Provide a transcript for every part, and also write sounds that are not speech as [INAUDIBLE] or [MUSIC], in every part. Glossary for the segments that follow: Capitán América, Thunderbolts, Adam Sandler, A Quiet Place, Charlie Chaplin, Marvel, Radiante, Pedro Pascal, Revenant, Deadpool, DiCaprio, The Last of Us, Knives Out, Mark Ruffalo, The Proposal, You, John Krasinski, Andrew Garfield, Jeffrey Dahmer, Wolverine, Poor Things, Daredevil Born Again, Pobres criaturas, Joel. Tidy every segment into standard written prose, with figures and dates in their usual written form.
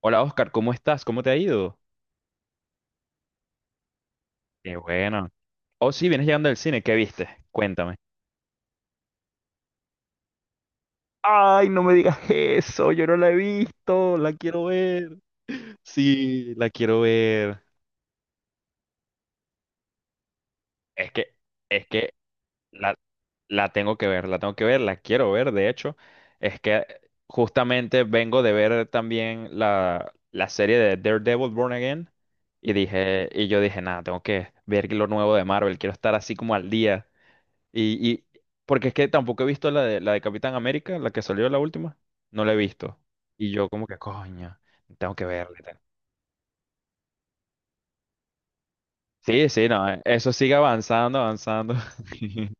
Hola Oscar, ¿cómo estás? ¿Cómo te ha ido? Qué bueno. Oh, sí, vienes llegando del cine, ¿qué viste? Cuéntame. Ay, no me digas eso, yo no la he visto, la quiero ver. Sí, la quiero ver. Es que, es que la, la tengo que ver, la tengo que ver, la quiero ver, de hecho. Es que justamente vengo de ver también la serie de Daredevil Born Again. Y yo dije, nada, tengo que ver lo nuevo de Marvel, quiero estar así como al día. Y porque es que tampoco he visto la de Capitán América, la que salió la última, no la he visto. Y yo como que, coño, tengo que verla. Y tal. Sí, sí, no, eso sigue avanzando, avanzando. [LAUGHS]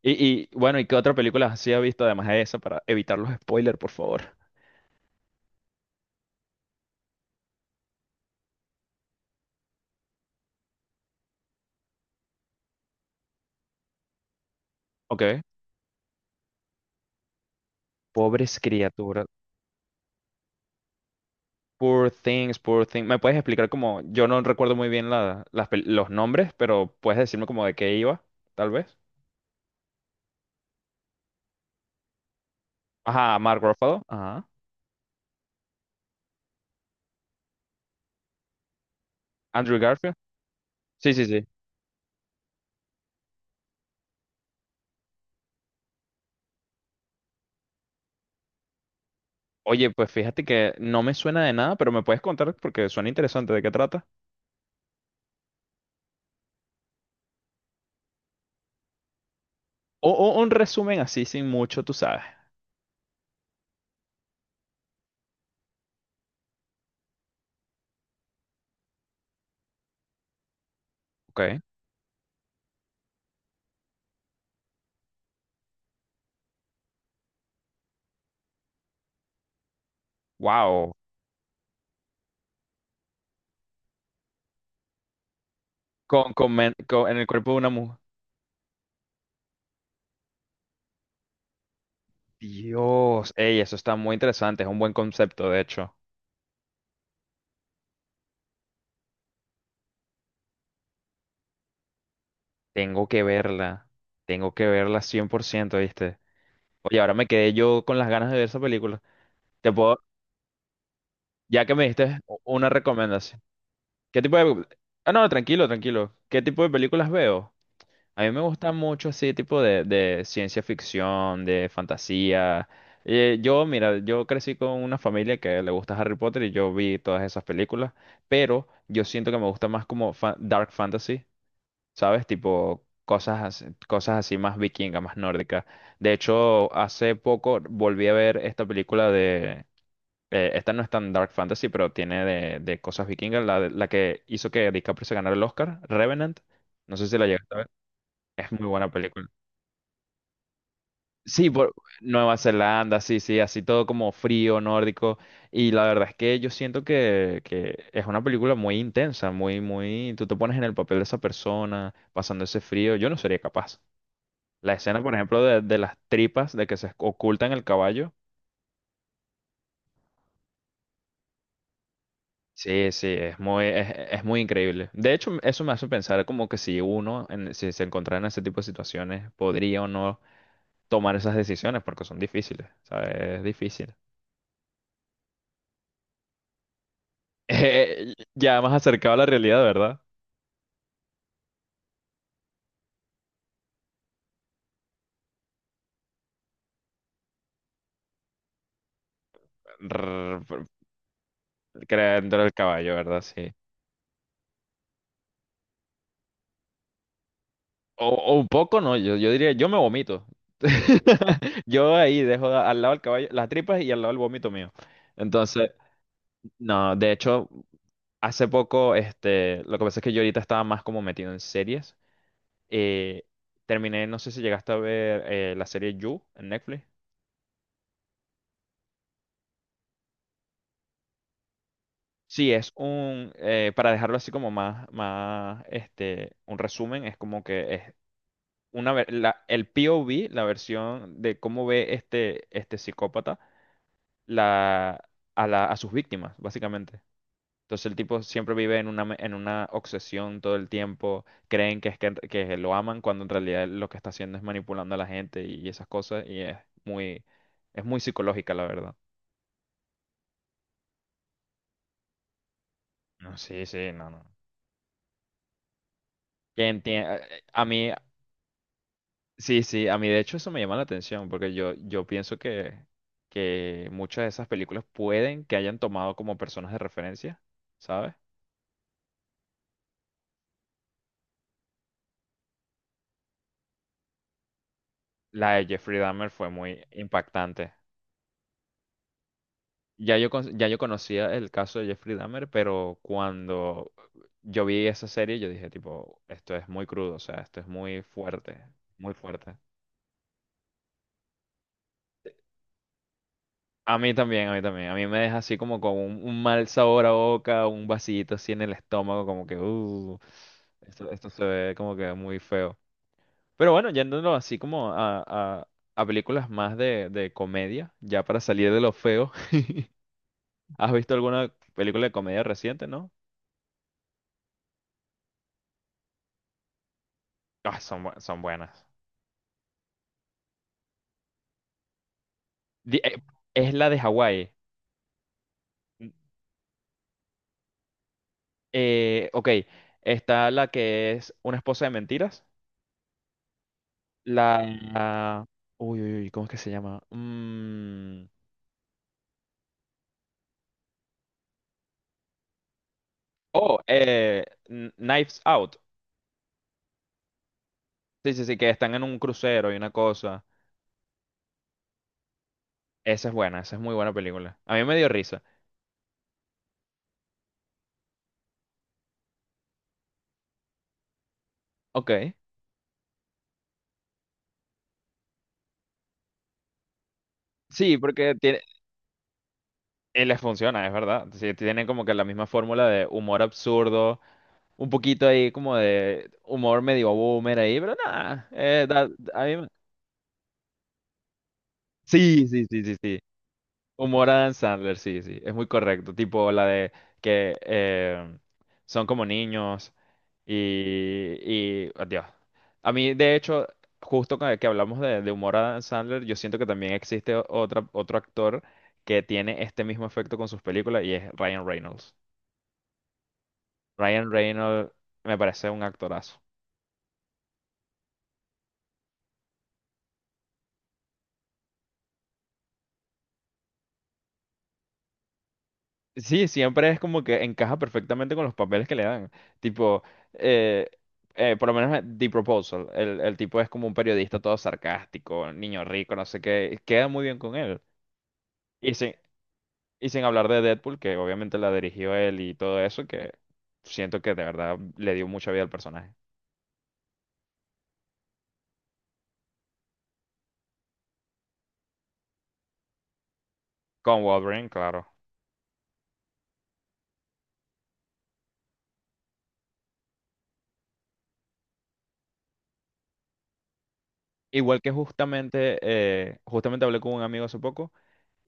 Y, y bueno, ¿y qué otra película sí ha visto además de esa para evitar los spoilers, por favor? Ok. Pobres criaturas. Poor things, poor things. ¿Me puedes explicar como, yo no recuerdo muy bien los nombres, pero puedes decirme como de qué iba, tal vez? Ajá, Mark Ruffalo. Ajá. Andrew Garfield. Sí, sí, sí. Oye, pues fíjate que no me suena de nada, pero me puedes contar porque suena interesante de qué trata. O un resumen así, sin mucho, tú sabes. Ok. Wow. En el cuerpo de una mujer. Dios. Ey, eso está muy interesante. Es un buen concepto, de hecho. Tengo que verla. Tengo que verla 100%, ¿viste? Oye, ahora me quedé yo con las ganas de ver esa película. Te puedo, ya que me diste una recomendación. ¿Qué tipo de... Ah, no, tranquilo, tranquilo. ¿Qué tipo de películas veo? A mí me gusta mucho ese tipo de ciencia ficción, de fantasía. Mira, yo crecí con una familia que le gusta Harry Potter y yo vi todas esas películas, pero yo siento que me gusta más como dark fantasy, ¿sabes? Tipo cosas así más vikinga, más nórdica. De hecho, hace poco volví a ver esta película esta no es tan dark fantasy, pero tiene de cosas vikingas, la que hizo que DiCaprio se ganara el Oscar, Revenant. No sé si la llegaste a ver. Es muy buena película. Sí, por Nueva Zelanda, sí, sí, así todo como frío, nórdico. Y la verdad es que yo siento que es una película muy intensa, muy, muy. Tú te pones en el papel de esa persona, pasando ese frío. Yo no sería capaz. La escena, por ejemplo, de las tripas, de que se ocultan el caballo. Sí, sí, es muy increíble. De hecho, eso me hace pensar como que si uno, si se encontrara en ese tipo de situaciones, podría o no tomar esas decisiones, porque son difíciles, ¿sabes? Es difícil. Ya más acercado a la realidad, ¿verdad? Rrr, creando el caballo, ¿verdad? Sí. O un poco, no, yo diría, yo me vomito. [LAUGHS] Yo ahí dejo al lado del caballo las tripas y al lado el vómito mío. Entonces, no, de hecho, hace poco, este, lo que pasa es que yo ahorita estaba más como metido en series. Eh, Terminé, no sé si llegaste a ver la serie You en Netflix. Sí, es para dejarlo así como más, este, un resumen, es como que el POV, la versión de cómo ve este psicópata la, a sus víctimas, básicamente. Entonces el tipo siempre vive en una obsesión todo el tiempo, creen que lo aman cuando en realidad lo que está haciendo es manipulando a la gente y esas cosas, y muy, es muy psicológica, la verdad. No, sí, sí, no, no. Que enti- a a mí, sí, sí, a mí de hecho eso me llama la atención, porque yo pienso que muchas de esas películas pueden que hayan tomado como personas de referencia, ¿sabes? La de Jeffrey Dahmer fue muy impactante. Ya yo conocía el caso de Jeffrey Dahmer, pero cuando yo vi esa serie, yo dije, tipo, esto es muy crudo, o sea, esto es muy fuerte, muy fuerte. A mí también, a mí también. A mí me deja así como con un mal sabor a boca, un vacío así en el estómago, como que, esto se ve como que muy feo. Pero bueno, yéndonos así como a películas más de comedia, ya para salir de lo feo. [LAUGHS] ¿Has visto alguna película de comedia reciente, no? Ah, son buenas. Di- eh, Es la de Hawái. Mm, ok, está la que es una esposa de mentiras. La... la- Uy, uy, uy, ¿cómo es que se llama? Oh, Knives Out. Sí, sí, sí, que están en un crucero y una cosa. Esa es buena, esa es muy buena película. A mí me dio risa. Ok. Sí, porque les funciona, es verdad. Sí, tienen como que la misma fórmula de humor absurdo, un poquito ahí como de humor medio boomer ahí, pero nada. A mí me- Sí, sí, sí, sí, sí. Humor Adam Sandler, sí, sí, es muy correcto. Tipo la de que son como niños. Y, y adiós. A mí, de hecho, justo con el que hablamos de humor Adam Sandler, yo siento que también existe otro actor que tiene este mismo efecto con sus películas y es Ryan Reynolds. Ryan Reynolds me parece un actorazo. Sí, siempre es como que encaja perfectamente con los papeles que le dan. Tipo, eh, por lo menos en The Proposal. El tipo es como un periodista todo sarcástico, niño rico, no sé qué. Queda muy bien con él. y Y sin hablar de Deadpool, que obviamente la dirigió él y todo eso, que siento que de verdad le dio mucha vida al personaje. Con Wolverine, claro. Igual que justamente hablé con un amigo hace poco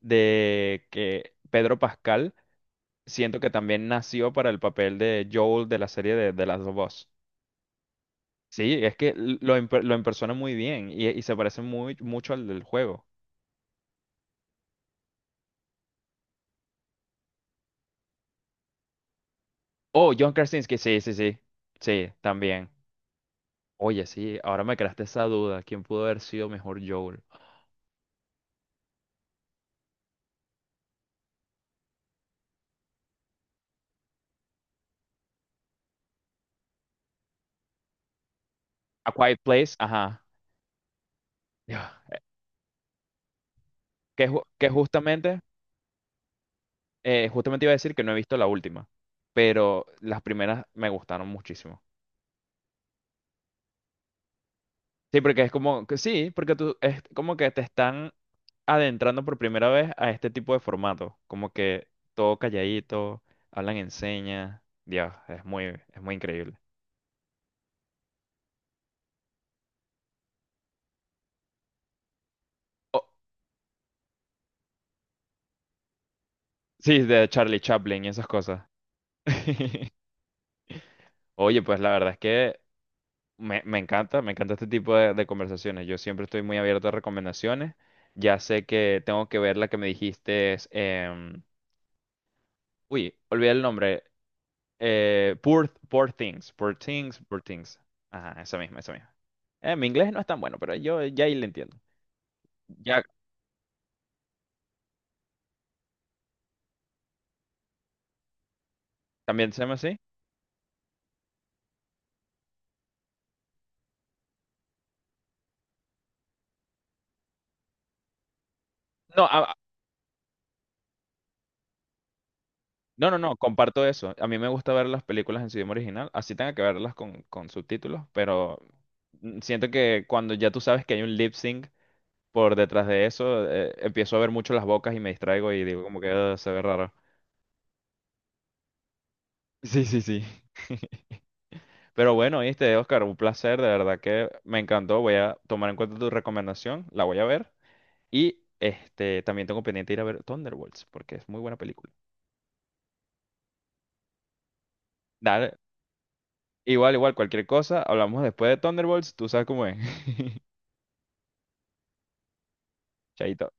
de que Pedro Pascal siento que también nació para el papel de Joel de la serie de The Last of Us. Sí, es que lo empersona muy bien y se parece mucho al del juego. Oh, John Krasinski, sí, sí, sí. Sí, también. Oye, sí, ahora me creaste esa duda. ¿Quién pudo haber sido mejor Joel? A Quiet Place, ajá. Ya. Que, ju- que justamente, justamente iba a decir que no he visto la última, pero las primeras me gustaron muchísimo. Sí, porque es como que sí, porque tú es como que te están adentrando por primera vez a este tipo de formato, como que todo calladito, hablan en señas, Dios, es muy increíble. Oh, sí, de Charlie Chaplin y esas cosas. [LAUGHS] Oye, pues la verdad es que me encanta, me encanta este tipo de conversaciones. Yo siempre estoy muy abierto a recomendaciones. Ya sé que tengo que ver la que me dijiste. Uy, olvidé el nombre. Poor Things. Poor Things, Poor Things. Ajá, esa misma, esa misma. Mi inglés no es tan bueno, pero yo ya ahí le entiendo. Ya, ¿también se llama así? No, no, no, no, comparto eso. A mí me gusta ver las películas en su idioma original, así tenga que verlas con subtítulos, pero siento que cuando ya tú sabes que hay un lip sync por detrás de eso, empiezo a ver mucho las bocas y me distraigo y digo como que "Ah, se ve raro. [LAUGHS] Sí, sí, sí. [LAUGHS] Pero bueno, viste, Oscar, un placer, de verdad que me encantó. Voy a tomar en cuenta tu recomendación, la voy a ver. Y este, también tengo pendiente ir a ver Thunderbolts, porque es muy buena película. Dale, igual, igual, cualquier cosa, hablamos después de Thunderbolts, tú sabes cómo es. [LAUGHS] Chaito.